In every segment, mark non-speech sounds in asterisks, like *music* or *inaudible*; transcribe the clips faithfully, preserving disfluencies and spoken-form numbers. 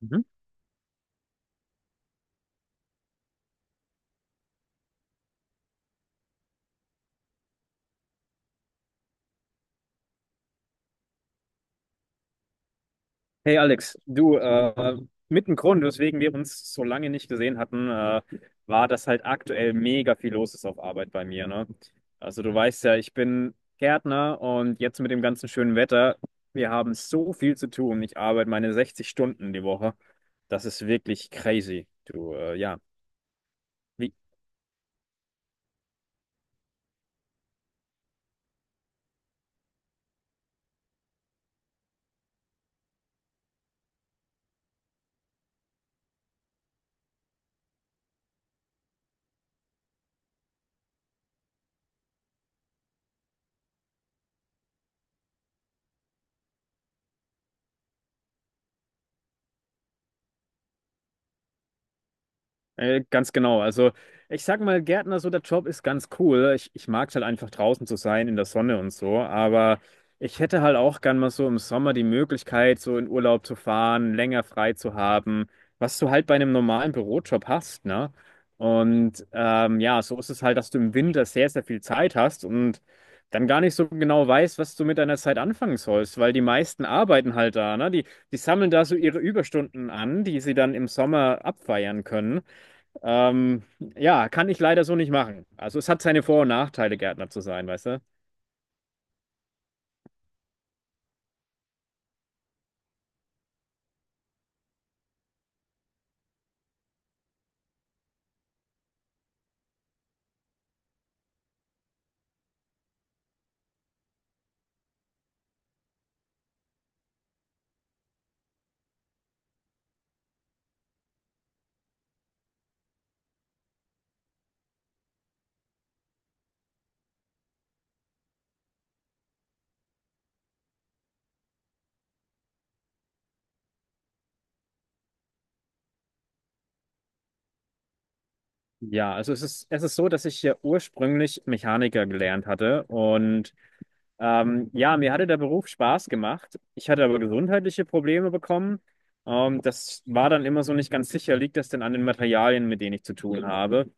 Mhm. Hey Alex, du, äh, mit dem Grund, weswegen wir uns so lange nicht gesehen hatten, äh, war, dass halt aktuell mega viel los ist auf Arbeit bei mir, ne? Also du weißt ja, ich bin Gärtner und jetzt mit dem ganzen schönen Wetter, wir haben so viel zu tun. Ich arbeite meine sechzig Stunden die Woche. Das ist wirklich crazy. Du, äh, ja. Wie, Äh, ganz genau. Also ich sag mal, Gärtner, so der Job ist ganz cool. Ich, ich mag es halt einfach draußen zu sein, in der Sonne und so. Aber ich hätte halt auch gern mal so im Sommer die Möglichkeit, so in Urlaub zu fahren, länger frei zu haben, was du halt bei einem normalen Bürojob hast, ne? Und ähm, ja, so ist es halt, dass du im Winter sehr, sehr viel Zeit hast und dann gar nicht so genau weißt, was du mit deiner Zeit anfangen sollst, weil die meisten arbeiten halt da, ne? Die, die sammeln da so ihre Überstunden an, die sie dann im Sommer abfeiern können. Ähm, ja, kann ich leider so nicht machen. Also es hat seine Vor- und Nachteile, Gärtner zu sein, weißt du? Ja, also es ist, es ist so, dass ich ja ursprünglich Mechaniker gelernt hatte und ähm, ja, mir hatte der Beruf Spaß gemacht. Ich hatte aber gesundheitliche Probleme bekommen. Ähm, das war dann immer so nicht ganz sicher, liegt das denn an den Materialien, mit denen ich zu tun habe?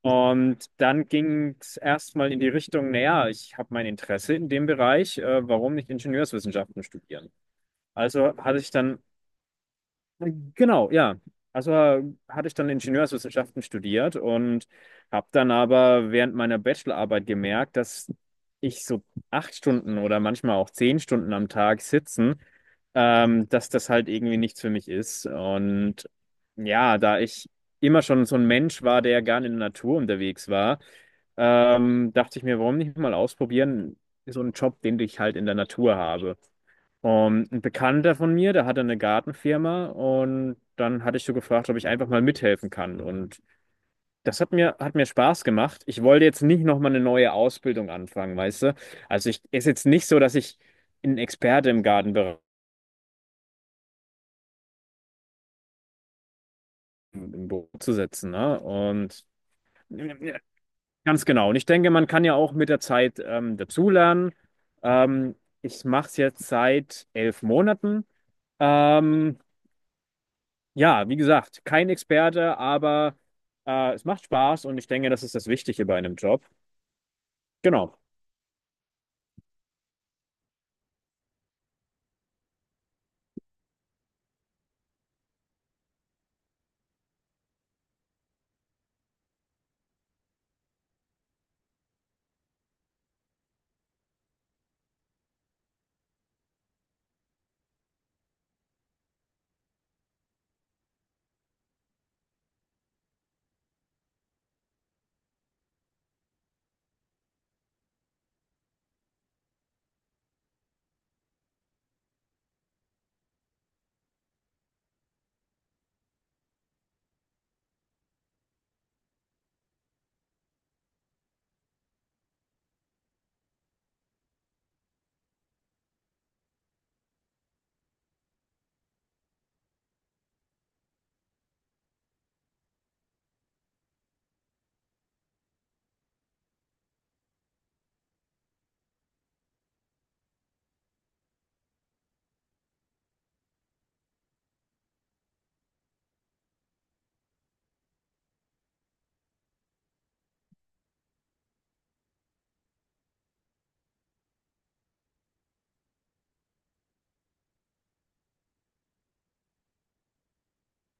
Und dann ging es erstmal in die Richtung, naja, ich habe mein Interesse in dem Bereich, äh, warum nicht Ingenieurswissenschaften studieren? Also hatte ich dann Äh, genau, ja. Also äh, hatte ich dann Ingenieurswissenschaften studiert und habe dann aber während meiner Bachelorarbeit gemerkt, dass ich so acht Stunden oder manchmal auch zehn Stunden am Tag sitzen, ähm, dass das halt irgendwie nichts für mich ist. Und ja, da ich immer schon so ein Mensch war, der gerne in der Natur unterwegs war, ähm, dachte ich mir, warum nicht mal ausprobieren, so einen Job, den ich halt in der Natur habe. Und ein Bekannter von mir, der hatte eine Gartenfirma und dann hatte ich so gefragt, ob ich einfach mal mithelfen kann. Und das hat mir, hat mir Spaß gemacht. Ich wollte jetzt nicht nochmal eine neue Ausbildung anfangen, weißt du? Also ich ist jetzt nicht so, dass ich ein Experte im Gartenbereich im Büro zu setzen, ne? Und ganz genau. Und ich denke, man kann ja auch mit der Zeit ähm, dazulernen. Ähm, ich mache es jetzt seit elf Monaten. Ähm, Ja, wie gesagt, kein Experte, aber äh, es macht Spaß und ich denke, das ist das Wichtige bei einem Job. Genau.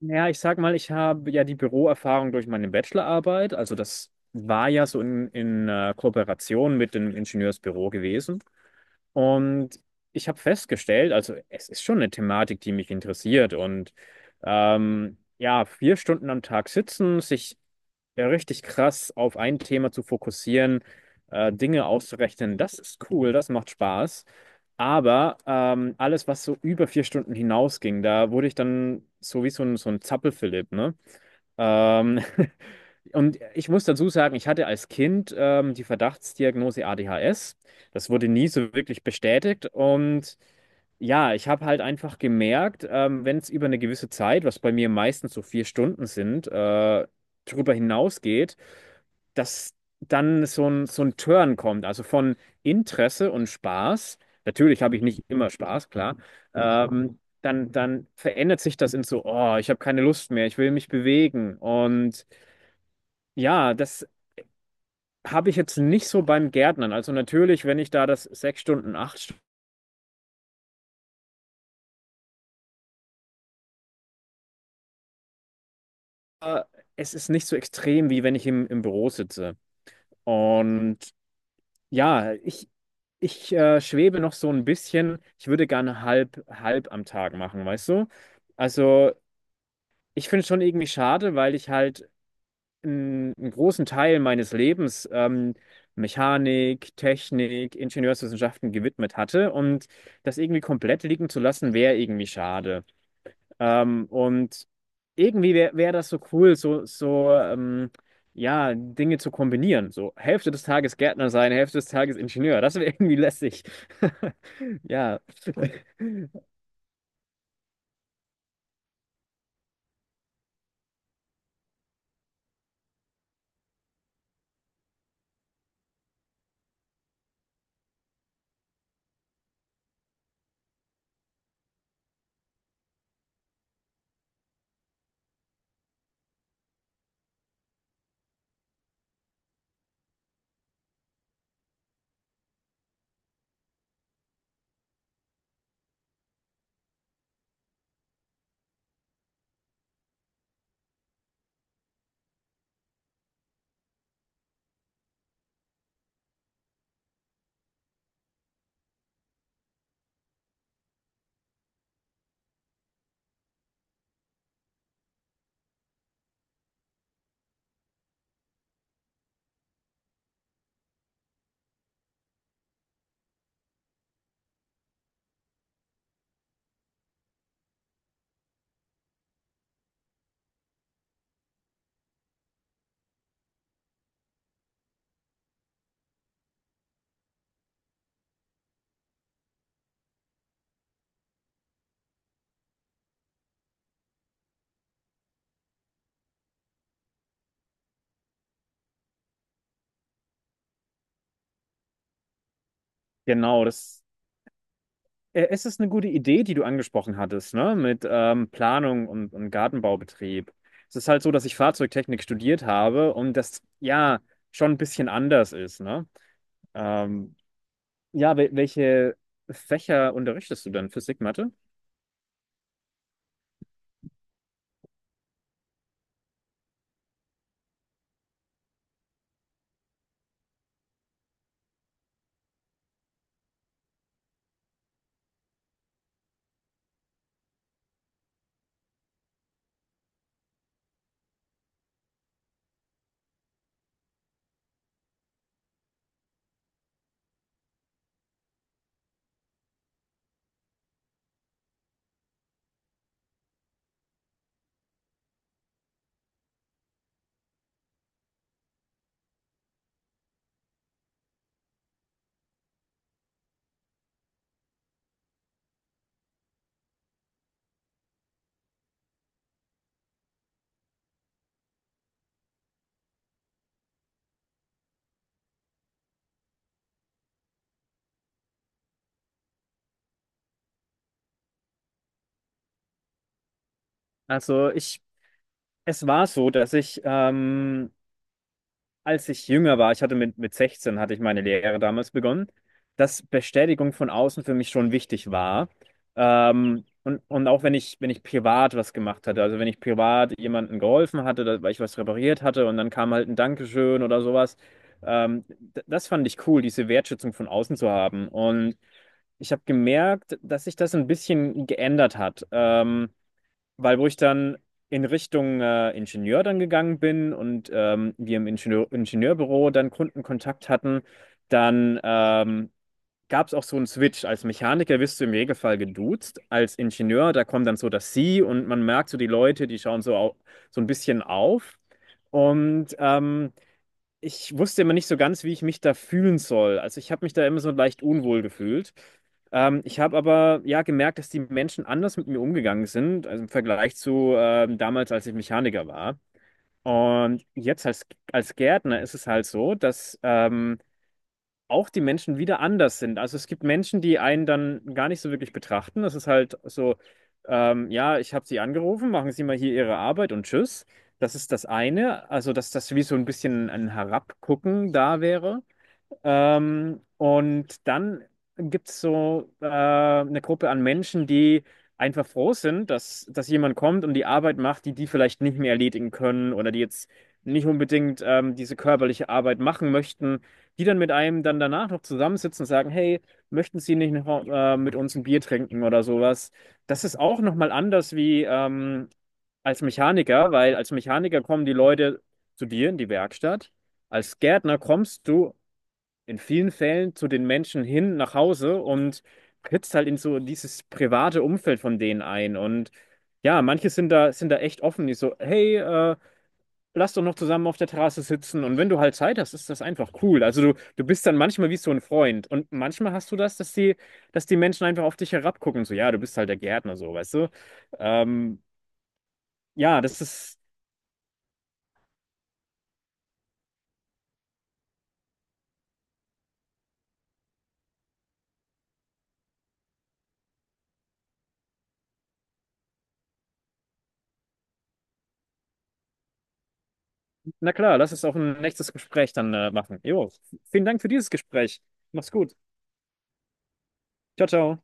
Ja, ich sag mal, ich habe ja die Büroerfahrung durch meine Bachelorarbeit. Also das war ja so in, in äh, Kooperation mit dem Ingenieursbüro gewesen. Und ich habe festgestellt, also es ist schon eine Thematik, die mich interessiert. Und ähm, ja, vier Stunden am Tag sitzen, sich ja, richtig krass auf ein Thema zu fokussieren, äh, Dinge auszurechnen, das ist cool, das macht Spaß. Aber ähm, alles, was so über vier Stunden hinausging, da wurde ich dann so wie so ein, so ein Zappelphilipp, ne? Ähm, *laughs* und ich muss dazu sagen, ich hatte als Kind ähm, die Verdachtsdiagnose A D H S. Das wurde nie so wirklich bestätigt. Und ja, ich habe halt einfach gemerkt, ähm, wenn es über eine gewisse Zeit, was bei mir meistens so vier Stunden sind, äh, darüber hinausgeht, dass dann so ein, so ein Turn kommt. Also von Interesse und Spaß. Natürlich habe ich nicht immer Spaß, klar. Ähm, dann, dann verändert sich das in so, oh, ich habe keine Lust mehr, ich will mich bewegen. Und ja, das habe ich jetzt nicht so beim Gärtnern. Also natürlich, wenn ich da das sechs Stunden, acht Stunden, es ist nicht so extrem, wie wenn ich im, im Büro sitze. Und ja, ich, ich äh, schwebe noch so ein bisschen. Ich würde gerne halb, halb am Tag machen, weißt du? Also ich finde es schon irgendwie schade, weil ich halt einen, einen großen Teil meines Lebens ähm, Mechanik, Technik, Ingenieurswissenschaften gewidmet hatte und das irgendwie komplett liegen zu lassen, wäre irgendwie schade. Ähm, und irgendwie wäre wär wär das so cool, so, so ähm, ja, Dinge zu kombinieren. So Hälfte des Tages Gärtner sein, Hälfte des Tages Ingenieur. Das wäre irgendwie lässig. *laughs* Ja, genau. Das, äh, es ist eine gute Idee, die du angesprochen hattest, ne? Mit ähm, Planung und, und Gartenbaubetrieb. Es ist halt so, dass ich Fahrzeugtechnik studiert habe und das ja schon ein bisschen anders ist, ne? Ähm, ja, wel welche Fächer unterrichtest du denn? Physik, Mathe? Also ich es war so, dass ich, ähm, als ich jünger war, ich hatte mit, mit sechzehn, hatte ich meine Lehre damals begonnen, dass Bestätigung von außen für mich schon wichtig war. Ähm, und, und auch wenn ich, wenn ich privat was gemacht hatte, also wenn ich privat jemandem geholfen hatte, da- weil ich was repariert hatte und dann kam halt ein Dankeschön oder sowas, ähm, d- das fand ich cool, diese Wertschätzung von außen zu haben. Und ich habe gemerkt, dass sich das ein bisschen geändert hat. Ähm, weil wo ich dann in Richtung äh, Ingenieur dann gegangen bin und ähm, wir im Ingenieur Ingenieurbüro dann Kundenkontakt hatten, dann ähm, gab es auch so einen Switch. Als Mechaniker wirst du im Regelfall geduzt, als Ingenieur, da kommt dann so das Sie und man merkt so die Leute, die schauen so, au so ein bisschen auf. Und ähm, ich wusste immer nicht so ganz, wie ich mich da fühlen soll. Also ich habe mich da immer so leicht unwohl gefühlt. Ähm, ich habe aber ja gemerkt, dass die Menschen anders mit mir umgegangen sind, also im Vergleich zu ähm, damals, als ich Mechaniker war. Und jetzt als, als Gärtner ist es halt so, dass ähm, auch die Menschen wieder anders sind. Also es gibt Menschen, die einen dann gar nicht so wirklich betrachten. Das ist halt so, ähm, ja, ich habe Sie angerufen, machen Sie mal hier Ihre Arbeit und tschüss. Das ist das eine. Also, dass das wie so ein bisschen ein Herabgucken da wäre. Ähm, und dann gibt es so äh, eine Gruppe an Menschen, die einfach froh sind, dass, dass jemand kommt und die Arbeit macht, die die vielleicht nicht mehr erledigen können oder die jetzt nicht unbedingt ähm, diese körperliche Arbeit machen möchten, die dann mit einem dann danach noch zusammensitzen und sagen, hey, möchten Sie nicht noch äh, mit uns ein Bier trinken oder sowas? Das ist auch nochmal anders wie ähm, als Mechaniker, weil als Mechaniker kommen die Leute zu dir in die Werkstatt. Als Gärtner kommst du in vielen Fällen zu den Menschen hin nach Hause und trittst halt in so dieses private Umfeld von denen ein. Und ja, manche sind da, sind da echt offen, die so, hey, äh, lass doch noch zusammen auf der Terrasse sitzen. Und wenn du halt Zeit hast, ist das einfach cool. Also du, du bist dann manchmal wie so ein Freund. Und manchmal hast du das, dass die, dass die Menschen einfach auf dich herabgucken. So, ja, du bist halt der Gärtner, so, weißt du? Ähm, ja, das ist, na klar, lass es auch ein nächstes Gespräch dann äh, machen. Jo, vielen Dank für dieses Gespräch. Mach's gut. Ciao, ciao.